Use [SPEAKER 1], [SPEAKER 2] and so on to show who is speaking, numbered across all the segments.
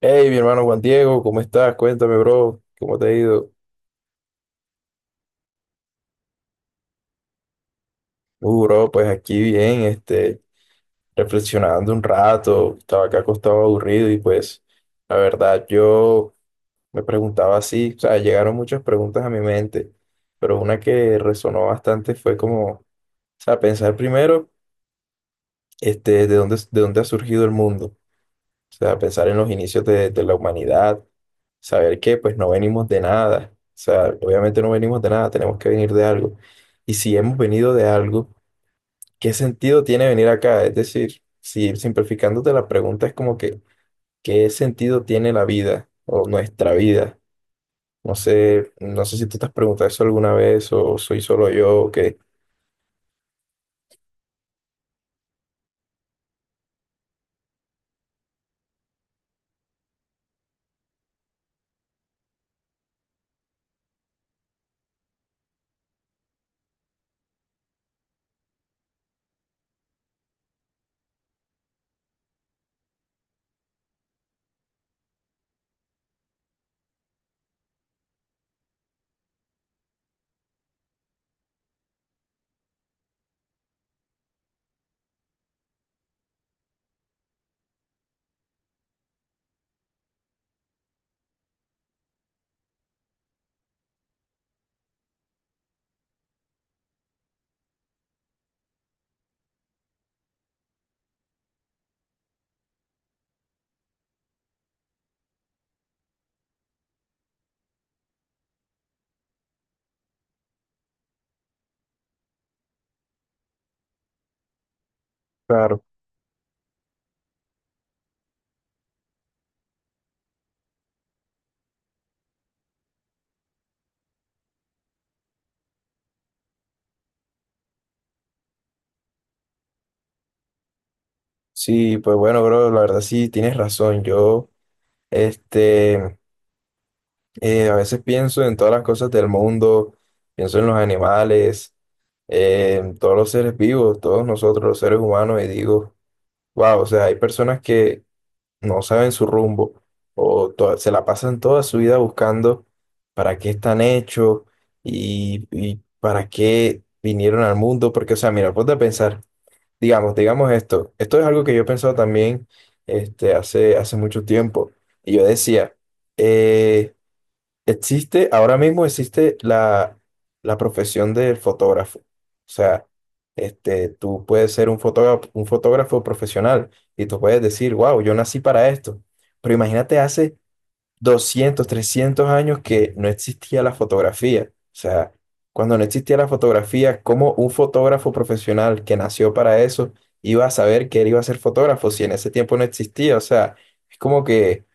[SPEAKER 1] Hey, mi hermano Juan Diego, ¿cómo estás? Cuéntame, bro, ¿cómo te ha ido? Bro, pues aquí bien, reflexionando un rato, estaba acá acostado aburrido y pues, la verdad, yo me preguntaba así, o sea, llegaron muchas preguntas a mi mente, pero una que resonó bastante fue como, o sea, pensar primero, de dónde ha surgido el mundo. O sea, pensar en los inicios de la humanidad, saber que pues no venimos de nada. O sea, obviamente no venimos de nada, tenemos que venir de algo. Y si hemos venido de algo, ¿qué sentido tiene venir acá? Es decir, si simplificándote la pregunta es como que, ¿qué sentido tiene la vida o nuestra vida? No sé, no sé si tú te has preguntado eso alguna vez o soy solo yo o qué. Claro. Sí, pues bueno, bro, la verdad sí tienes razón. Yo, este... a veces pienso en todas las cosas del mundo, pienso en los animales, en todos los seres vivos, todos nosotros los seres humanos, y digo, wow, o sea, hay personas que no saben su rumbo o se la pasan toda su vida buscando para qué están hechos y para qué vinieron al mundo, porque, o sea, mira, ponte a pensar, digamos, digamos esto, esto es algo que yo he pensado también hace, hace mucho tiempo, y yo decía, eh, existe, ahora mismo existe la profesión del fotógrafo. O sea, tú puedes ser un fotógrafo profesional y tú puedes decir, wow, yo nací para esto. Pero imagínate hace 200 300 años que no existía la fotografía. O sea, cuando no existía la fotografía, ¿cómo un fotógrafo profesional que nació para eso iba a saber que él iba a ser fotógrafo si en ese tiempo no existía? O sea, es como que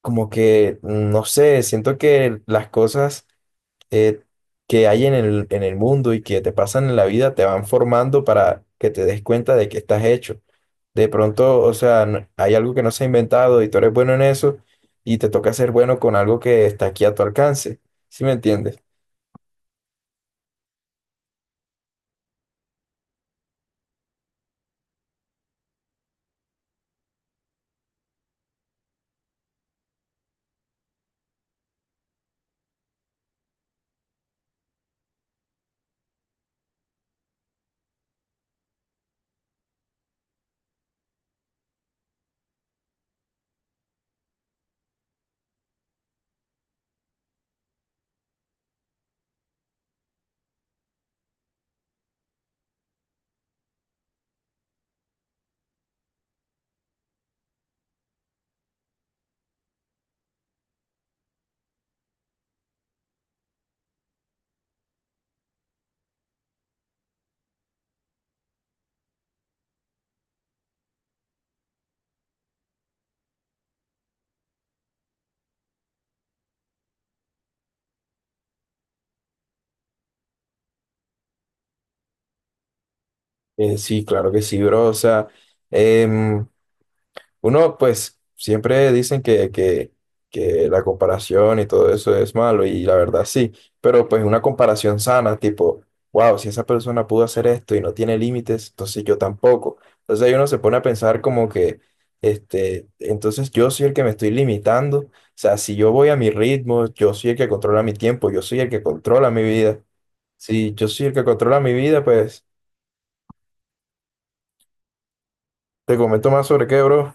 [SPEAKER 1] no sé, siento que las cosas eh, que hay en en el mundo y que te pasan en la vida te van formando para que te des cuenta de que estás hecho. De pronto, o sea, hay algo que no se ha inventado y tú eres bueno en eso y te toca ser bueno con algo que está aquí a tu alcance. ¿Sí me entiendes? Sí, claro que sí, bro. O sea, em, uno, pues, siempre dicen que la comparación y todo eso es malo, y la verdad sí, pero pues una comparación sana, tipo, wow, si esa persona pudo hacer esto y no tiene límites, entonces yo tampoco. Entonces ahí uno se pone a pensar como que, entonces yo soy el que me estoy limitando, o sea, si yo voy a mi ritmo, yo soy el que controla mi tiempo, yo soy el que controla mi vida. Si yo soy el que controla mi vida, pues, te comento más sobre qué, bro.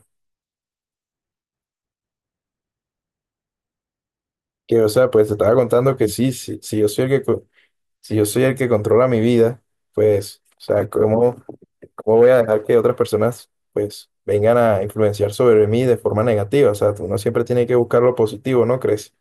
[SPEAKER 1] Que, o sea, pues te estaba contando que sí, sí, sí, yo soy el que, si yo soy el que controla mi vida, pues, o sea, ¿cómo, cómo voy a dejar que otras personas, pues, vengan a influenciar sobre mí de forma negativa? O sea, uno siempre tiene que buscar lo positivo, ¿no crees?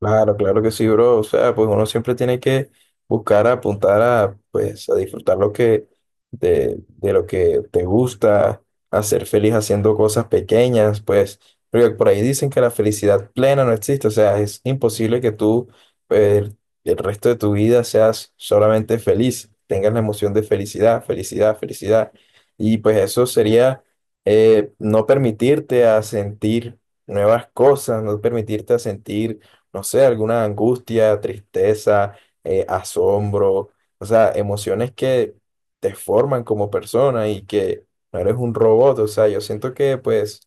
[SPEAKER 1] Claro, claro que sí, bro. O sea, pues uno siempre tiene que buscar apuntar a, pues, a disfrutar lo que, de lo que te gusta, a ser feliz haciendo cosas pequeñas, pues, porque por ahí dicen que la felicidad plena no existe. O sea, es imposible que tú, eh, el resto de tu vida seas solamente feliz, tengas la emoción de felicidad, felicidad, felicidad. Y pues eso sería no permitirte a sentir nuevas cosas, no permitirte a sentir no sé, alguna angustia, tristeza, asombro, o sea, emociones que te forman como persona y que no eres un robot, o sea, yo siento que pues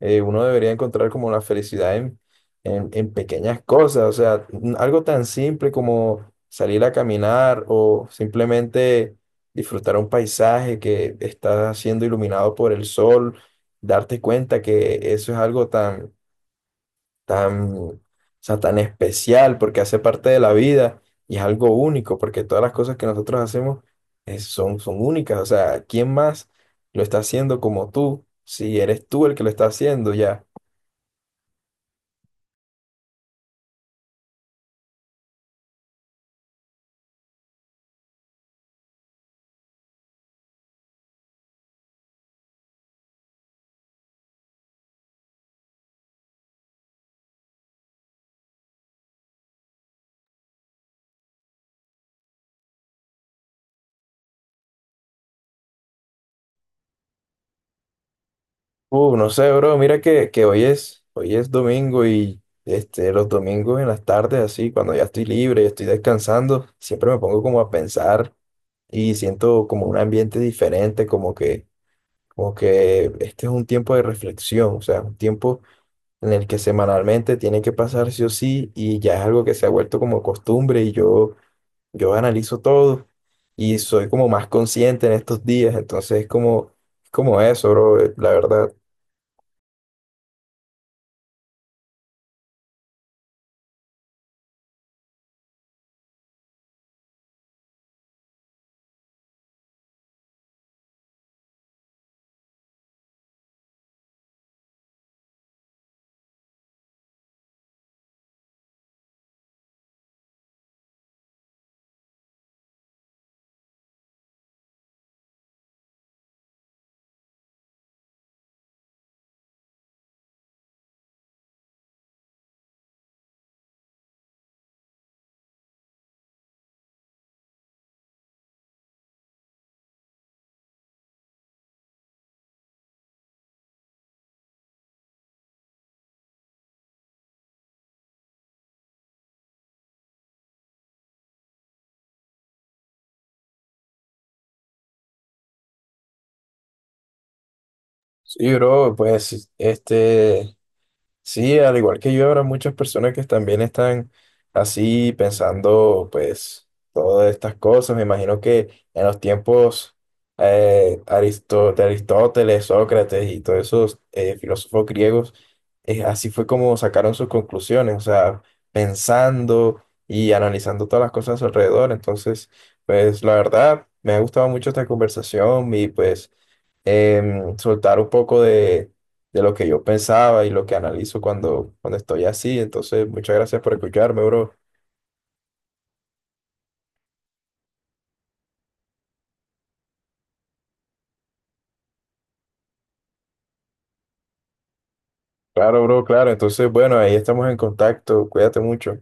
[SPEAKER 1] uno debería encontrar como la felicidad en, en pequeñas cosas, o sea, algo tan simple como salir a caminar o simplemente disfrutar un paisaje que está siendo iluminado por el sol, darte cuenta que eso es algo tan tan, o sea, tan especial, porque hace parte de la vida y es algo único, porque todas las cosas que nosotros hacemos son, son únicas. O sea, ¿quién más lo está haciendo como tú? Si eres tú el que lo está haciendo ya. No sé, bro, mira que hoy es domingo y los domingos en las tardes, así, cuando ya estoy libre y estoy descansando, siempre me pongo como a pensar y siento como un ambiente diferente, como que este es un tiempo de reflexión, o sea, un tiempo en el que semanalmente tiene que pasar sí o sí y ya es algo que se ha vuelto como costumbre y yo analizo todo y soy como más consciente en estos días, entonces es como, como eso, bro, la verdad. Sí, bro, pues este... Sí, al igual que yo, habrá muchas personas que también están así pensando, pues, todas estas cosas. Me imagino que en los tiempos de Aristóteles, Sócrates y todos esos filósofos griegos, así fue como sacaron sus conclusiones, o sea, pensando y analizando todas las cosas a su alrededor. Entonces, pues, la verdad, me ha gustado mucho esta conversación y pues soltar un poco de lo que yo pensaba y lo que analizo cuando, cuando estoy así. Entonces, muchas gracias por escucharme, bro. Claro, bro, claro. Entonces, bueno, ahí estamos en contacto. Cuídate mucho.